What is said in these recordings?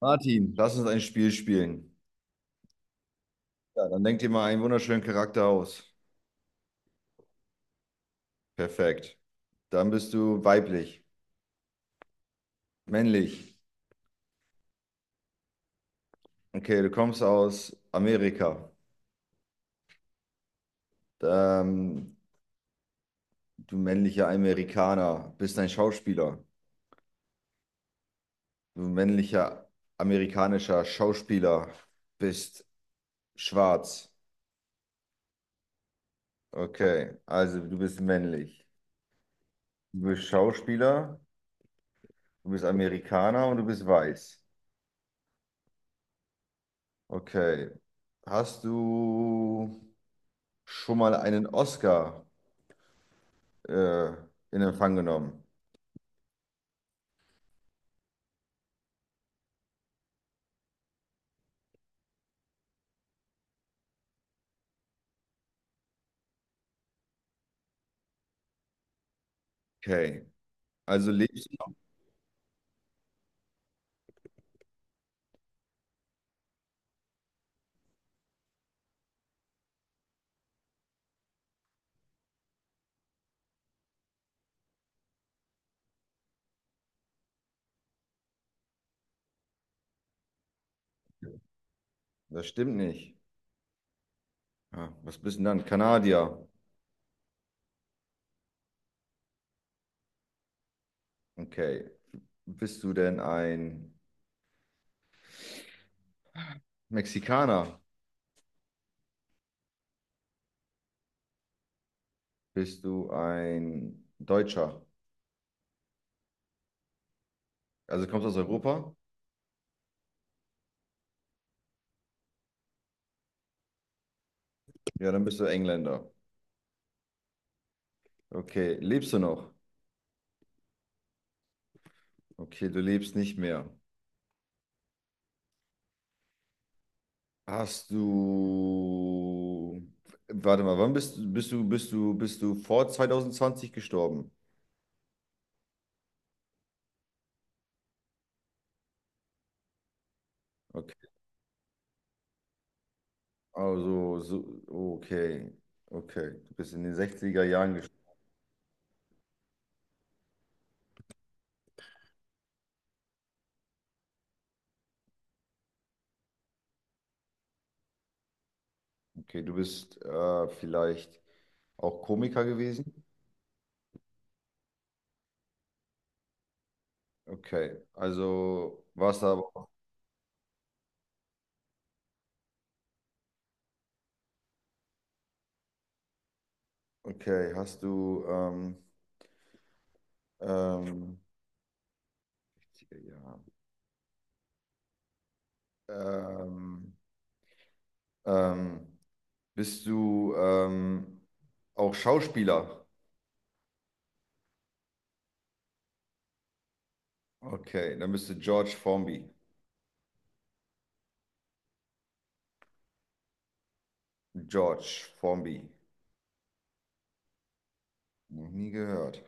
Martin, lass uns ein Spiel spielen. Ja, dann denk dir mal einen wunderschönen Charakter aus. Perfekt. Dann bist du weiblich, männlich. Okay, du kommst aus Amerika. Ähm, Du männlicher Amerikaner, bist ein Schauspieler. Du männlicher amerikanischer Schauspieler, bist schwarz. Okay, also du bist männlich. Du bist Schauspieler, du bist Amerikaner und du bist weiß. Okay. Hast du schon mal einen Oscar äh, in Empfang genommen? Okay. Also lebst du? Das stimmt nicht. Ah, was bist du denn dann? Kanadier. Okay. Bist du denn ein Mexikaner? Bist du ein Deutscher? Also kommst du aus Europa? Ja, dann bist du Engländer. Okay. Lebst du noch? Okay, du lebst nicht mehr. Hast du, warte mal, wann bist du vor 2020 gestorben? Okay, also, so, okay, okay, du bist in den sechziger Jahren gestorben. Okay, du bist vielleicht auch Komiker gewesen? Okay, also, warst da, okay, hast du, ähm, 60 Jahre. Ähm, ähm, bist du auch Schauspieler? Okay, dann bist du George Formby. George Formby. Noch nie gehört.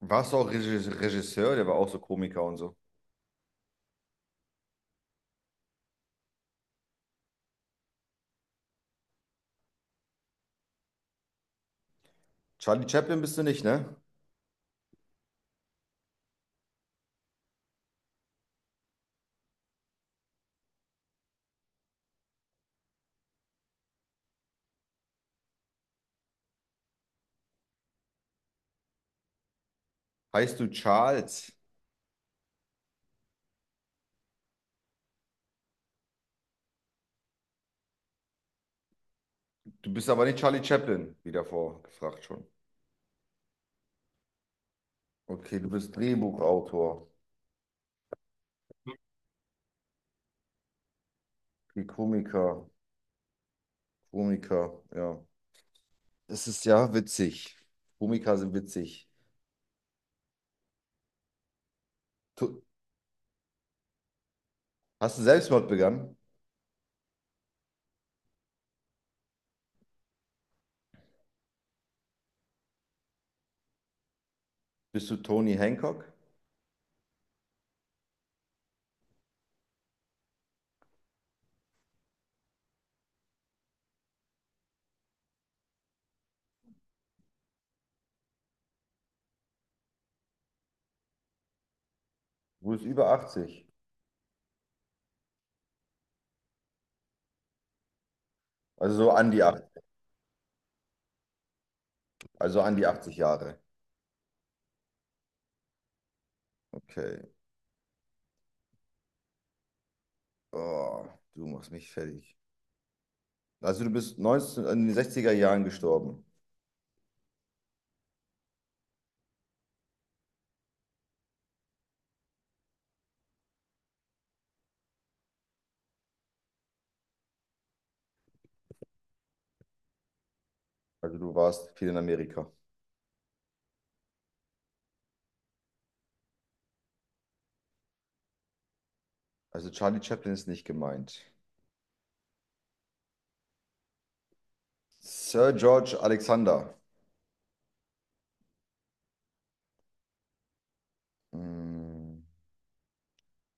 Warst du auch Regisseur? Der war auch so Komiker und so. Charlie Chaplin bist du nicht, ne? Heißt du Charles? Du bist aber nicht Charlie Chaplin, wie davor gefragt schon. Okay, du bist Drehbuchautor. Okay, Komiker. Komiker, ja. Das ist ja witzig. Komiker sind witzig. Tu- Hast du Selbstmord begangen? Bist du Tony Hancock? Du bist über 80. Also so an die 80, also an die 80 Jahre. Okay. Oh, du machst mich fertig. Also du bist 19, in den 60er Jahren gestorben. Also du warst viel in Amerika. Also Charlie Chaplin ist nicht gemeint. Sir George Alexander. Mm,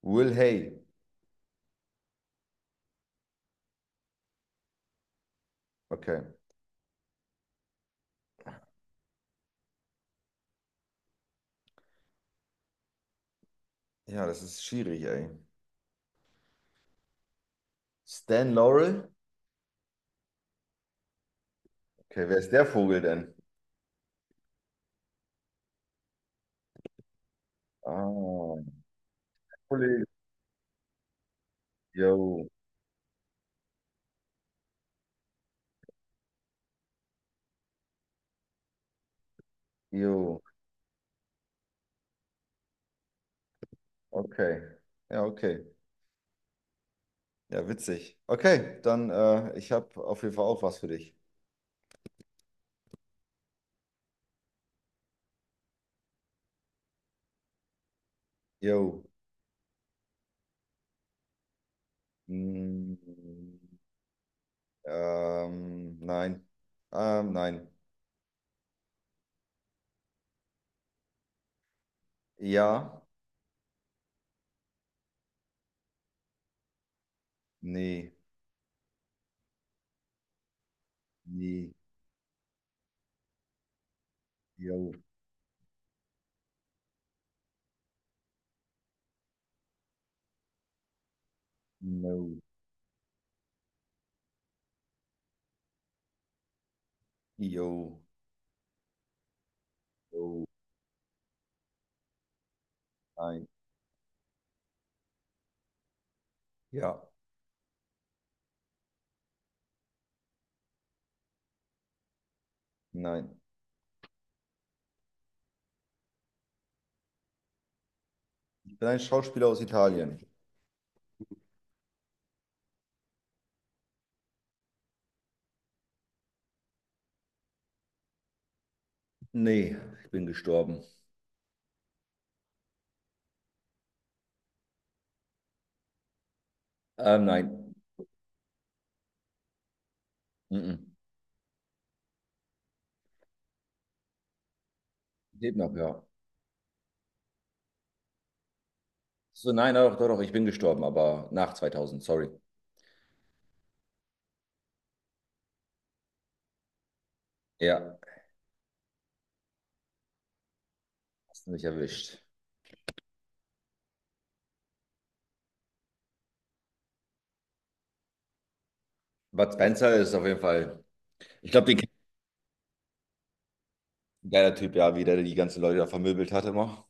Will Hay. Okay. Ja, das ist schwierig, ey. Stan Laurel. Okay, wer ist der Vogel denn? Ah, Kollege. Jo, jo. Okay. Ja, okay. Ja, witzig. Okay, dann ich habe auf jeden Fall auch was für dich. Jo. Mm. Nein. Nein. Ja. Nee. Nee. Jo, no. Jo, jo, nein. Ja. Nein. Ich bin ein Schauspieler aus Italien. Nee. Ich bin gestorben. Nein. Mhm. Lebt noch, ja. So, nein, doch, doch, doch. Ich bin gestorben, aber nach 2000. Sorry. Ja. Hast du mich erwischt. Bud Spencer ist auf jeden Fall. Ich glaube, den kennt ein geiler Typ, ja, wie der die ganzen Leute da vermöbelt hat immer.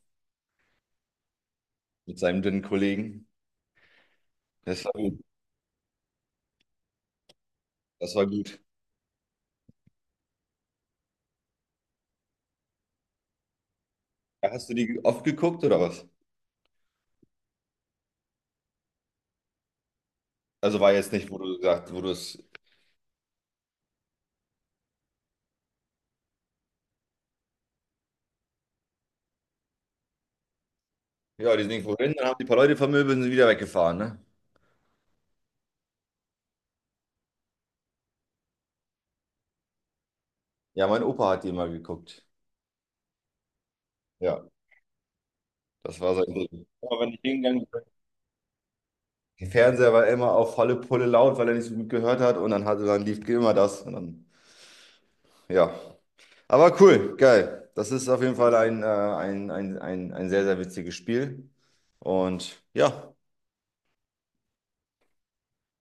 Mit seinem dünnen Kollegen. Das war gut. Das war gut. Ja, hast du die oft geguckt oder was? Also war jetzt nicht, wo du gesagt, wo du es. Ja, die sind irgendwo hin, dann haben die paar Leute vermöbelt und sind wieder weggefahren, ne? Ja, mein Opa hat die immer geguckt. Ja, das war sein Ding. Immer wenn ich hingegangen bin. Der Fernseher war immer auf volle Pulle laut, weil er nicht so gut gehört hat und dann hatte dann lief immer das. Und dann, ja. Aber cool, geil. Das ist auf jeden Fall ein sehr, sehr witziges Spiel. Und ja.